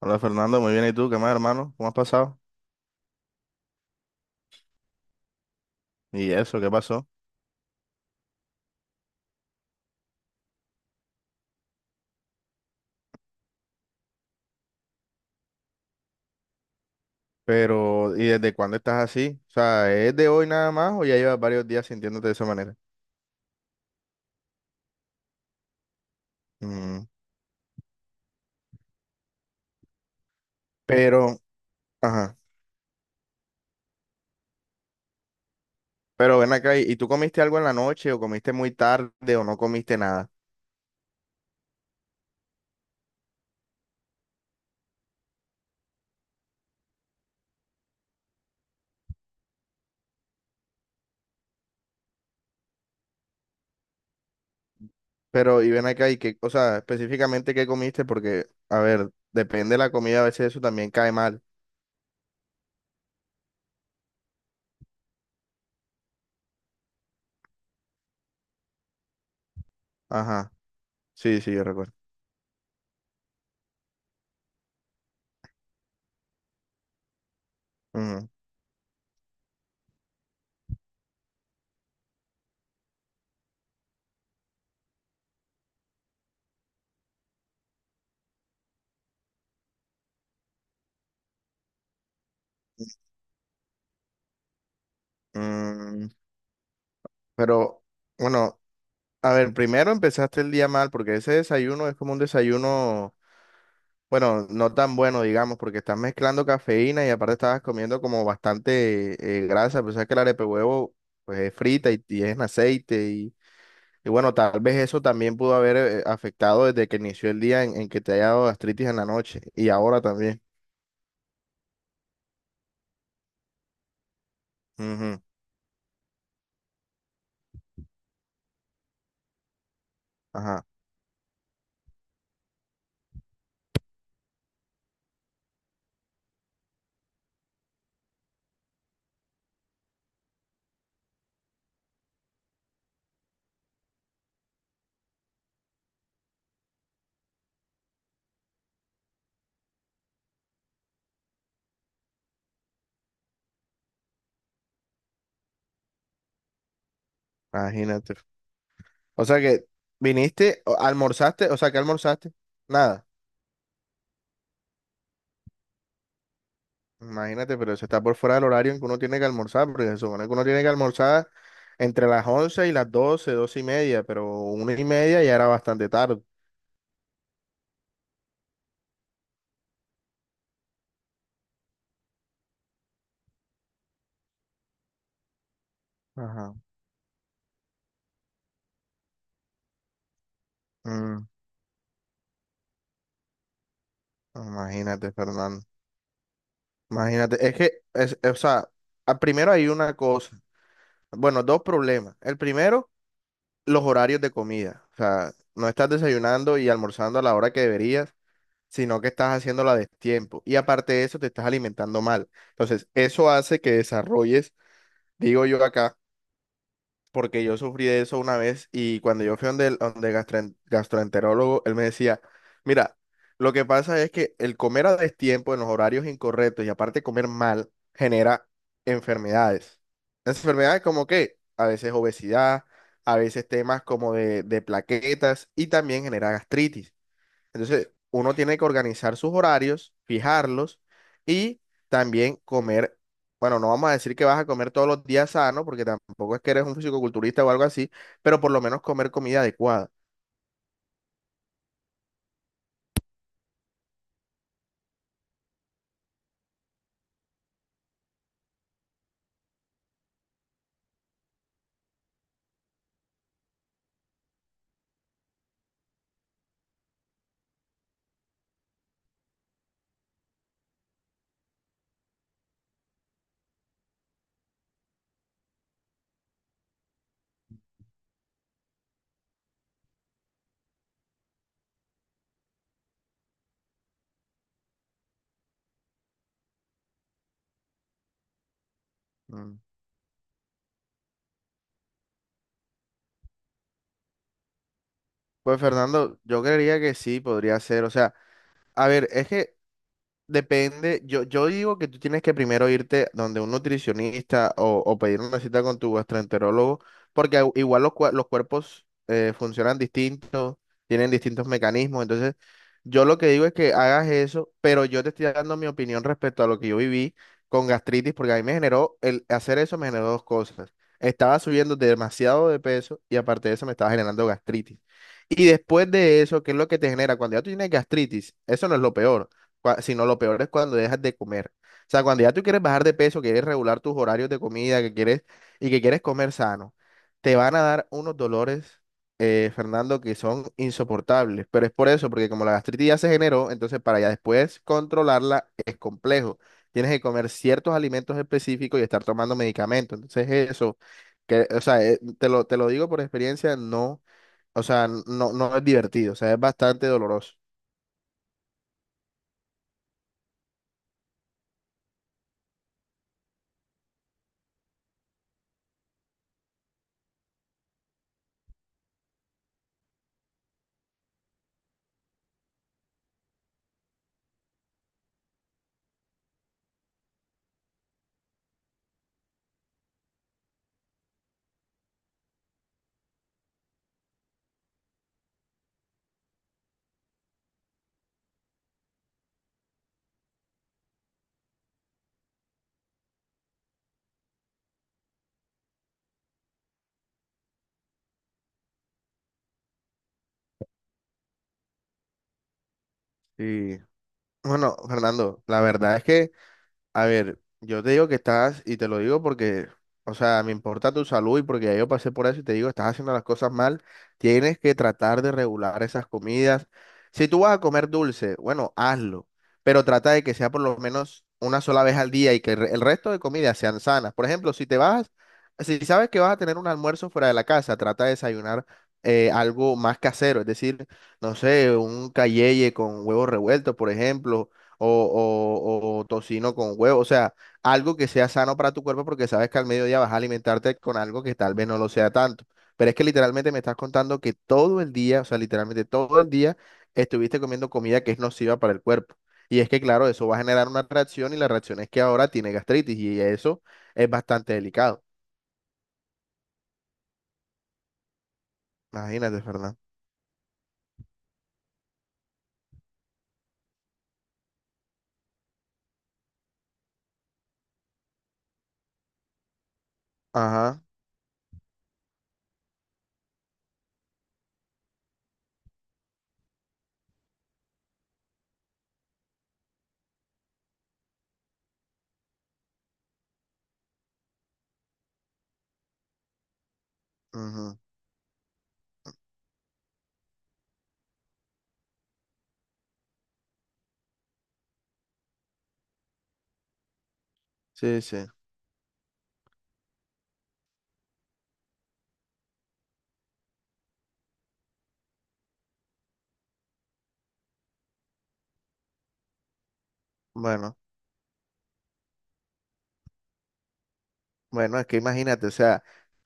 Hola Fernando, muy bien. ¿Y tú? ¿Qué más, hermano? ¿Cómo has pasado? ¿Y eso? ¿Qué pasó? Pero, ¿y desde cuándo estás así? O sea, ¿es de hoy nada más o ya llevas varios días sintiéndote de esa manera? Mm. Pero, ajá. Pero ven acá, ¿y tú comiste algo en la noche o comiste muy tarde o no comiste nada? Pero, y ven acá, ¿y qué, o sea, específicamente qué comiste? Porque, a ver, depende de la comida, a veces eso también cae mal. Ajá. Sí, sí, yo recuerdo. Ujú. Mm. Pero, bueno. A ver, primero empezaste el día mal porque ese desayuno es como un desayuno, bueno, no tan bueno, digamos, porque estás mezclando cafeína y aparte estabas comiendo como bastante grasa, pues sabes que el arepe huevo pues es frita y es en aceite y bueno, tal vez eso también pudo haber afectado desde que inició el día en que te haya dado gastritis en la noche y ahora también. Ujú. Ajá, imagínate. O sea que viniste, almorzaste, o sea que almorzaste, nada. Imagínate, pero eso está por fuera del horario en que uno tiene que almorzar, porque se supone que uno tiene que almorzar entre las 11 y las 12 12 y media, pero 1:30 ya era bastante tarde. Ajá. Mm, imagínate, Fernando. Imagínate, es que, es, o sea, primero hay una cosa, bueno, dos problemas. El primero, los horarios de comida. O sea, no estás desayunando y almorzando a la hora que deberías, sino que estás haciéndola de tiempo. Y aparte de eso, te estás alimentando mal. Entonces, eso hace que desarrolles, digo yo acá, porque yo sufrí de eso una vez y cuando yo fui donde el gastroenterólogo, él me decía, mira, lo que pasa es que el comer a destiempo en los horarios incorrectos y aparte comer mal genera enfermedades. Enfermedades como que a veces obesidad, a veces temas como de plaquetas y también genera gastritis. Entonces, uno tiene que organizar sus horarios, fijarlos y también comer. Bueno, no vamos a decir que vas a comer todos los días sano, porque tampoco es que eres un fisicoculturista o algo así, pero por lo menos comer comida adecuada. Mm. Pues Fernando, yo creería que sí podría ser. O sea, a ver, es que depende, yo digo que tú tienes que primero irte donde un nutricionista o pedir una cita con tu gastroenterólogo, porque igual los, los cuerpos funcionan distintos, tienen distintos mecanismos, entonces yo lo que digo es que hagas eso, pero yo te estoy dando mi opinión respecto a lo que yo viví con gastritis, porque a mí me generó, el hacer eso me generó dos cosas, estaba subiendo demasiado de peso y aparte de eso me estaba generando gastritis. Y después de eso, ¿qué es lo que te genera? Cuando ya tú tienes gastritis, eso no es lo peor sino lo peor es cuando dejas de comer. O sea, cuando ya tú quieres bajar de peso, quieres regular tus horarios de comida, que quieres y que quieres comer sano, te van a dar unos dolores, Fernando, que son insoportables. Pero es por eso, porque como la gastritis ya se generó, entonces para ya después controlarla es complejo. Tienes que comer ciertos alimentos específicos y estar tomando medicamentos. Entonces eso, que, o sea, te lo digo por experiencia, no, o sea, no, no es divertido, o sea, es bastante doloroso. Sí. Bueno, Fernando, la verdad es que, a ver, yo te digo que estás, y te lo digo porque, o sea, me importa tu salud y porque ya yo pasé por eso y te digo, estás haciendo las cosas mal, tienes que tratar de regular esas comidas. Si tú vas a comer dulce, bueno, hazlo, pero trata de que sea por lo menos una sola vez al día y que el el resto de comidas sean sanas. Por ejemplo, si te vas, si sabes que vas a tener un almuerzo fuera de la casa, trata de desayunar algo más casero, es decir, no sé, un calleye con huevos revueltos, por ejemplo o, o tocino con huevo, o sea, algo que sea sano para tu cuerpo porque sabes que al mediodía vas a alimentarte con algo que tal vez no lo sea tanto. Pero es que literalmente me estás contando que todo el día, o sea, literalmente todo el día estuviste comiendo comida que es nociva para el cuerpo. Y es que, claro, eso va a generar una reacción y la reacción es que ahora tiene gastritis y eso es bastante delicado. Imagínate, Fernando. Ajá. Ujú. Sí, sí. Bueno. Bueno, es que imagínate, o sea,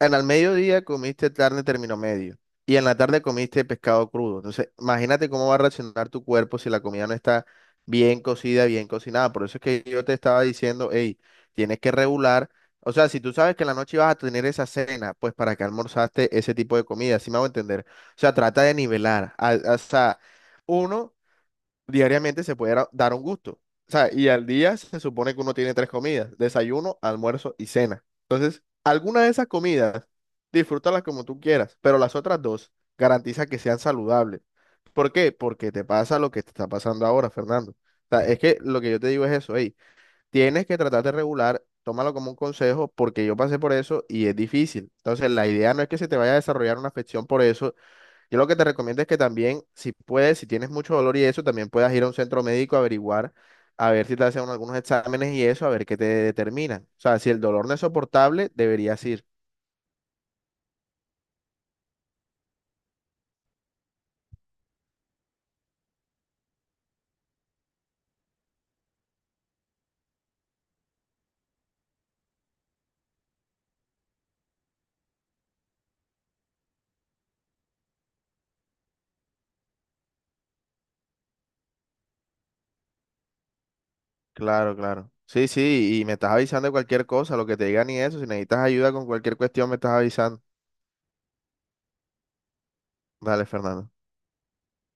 en el mediodía comiste carne término medio y en la tarde comiste pescado crudo. Entonces, imagínate cómo va a reaccionar tu cuerpo si la comida no está bien cocida, bien cocinada. Por eso es que yo te estaba diciendo, hey, tienes que regular. O sea, si tú sabes que en la noche vas a tener esa cena, pues para qué almorzaste ese tipo de comida, sí me hago entender. O sea, trata de nivelar. O sea, uno diariamente se puede dar un gusto. O sea, y al día se supone que uno tiene 3 comidas, desayuno, almuerzo y cena. Entonces, alguna de esas comidas, disfrútalas como tú quieras, pero las otras dos garantiza que sean saludables. ¿Por qué? Porque te pasa lo que te está pasando ahora, Fernando. O sea, es que lo que yo te digo es eso, hey, tienes que tratar de regular, tómalo como un consejo, porque yo pasé por eso y es difícil. Entonces, la idea no es que se te vaya a desarrollar una afección por eso, yo lo que te recomiendo es que también, si puedes, si tienes mucho dolor y eso, también puedas ir a un centro médico a averiguar, a ver si te hacen algunos exámenes y eso, a ver qué te determinan. O sea, si el dolor no es soportable, deberías ir. Claro, claro. Sí, sí, y me estás avisando de cualquier cosa, lo que te digan y eso. Si necesitas ayuda con cualquier cuestión, me estás avisando. Dale, Fernando.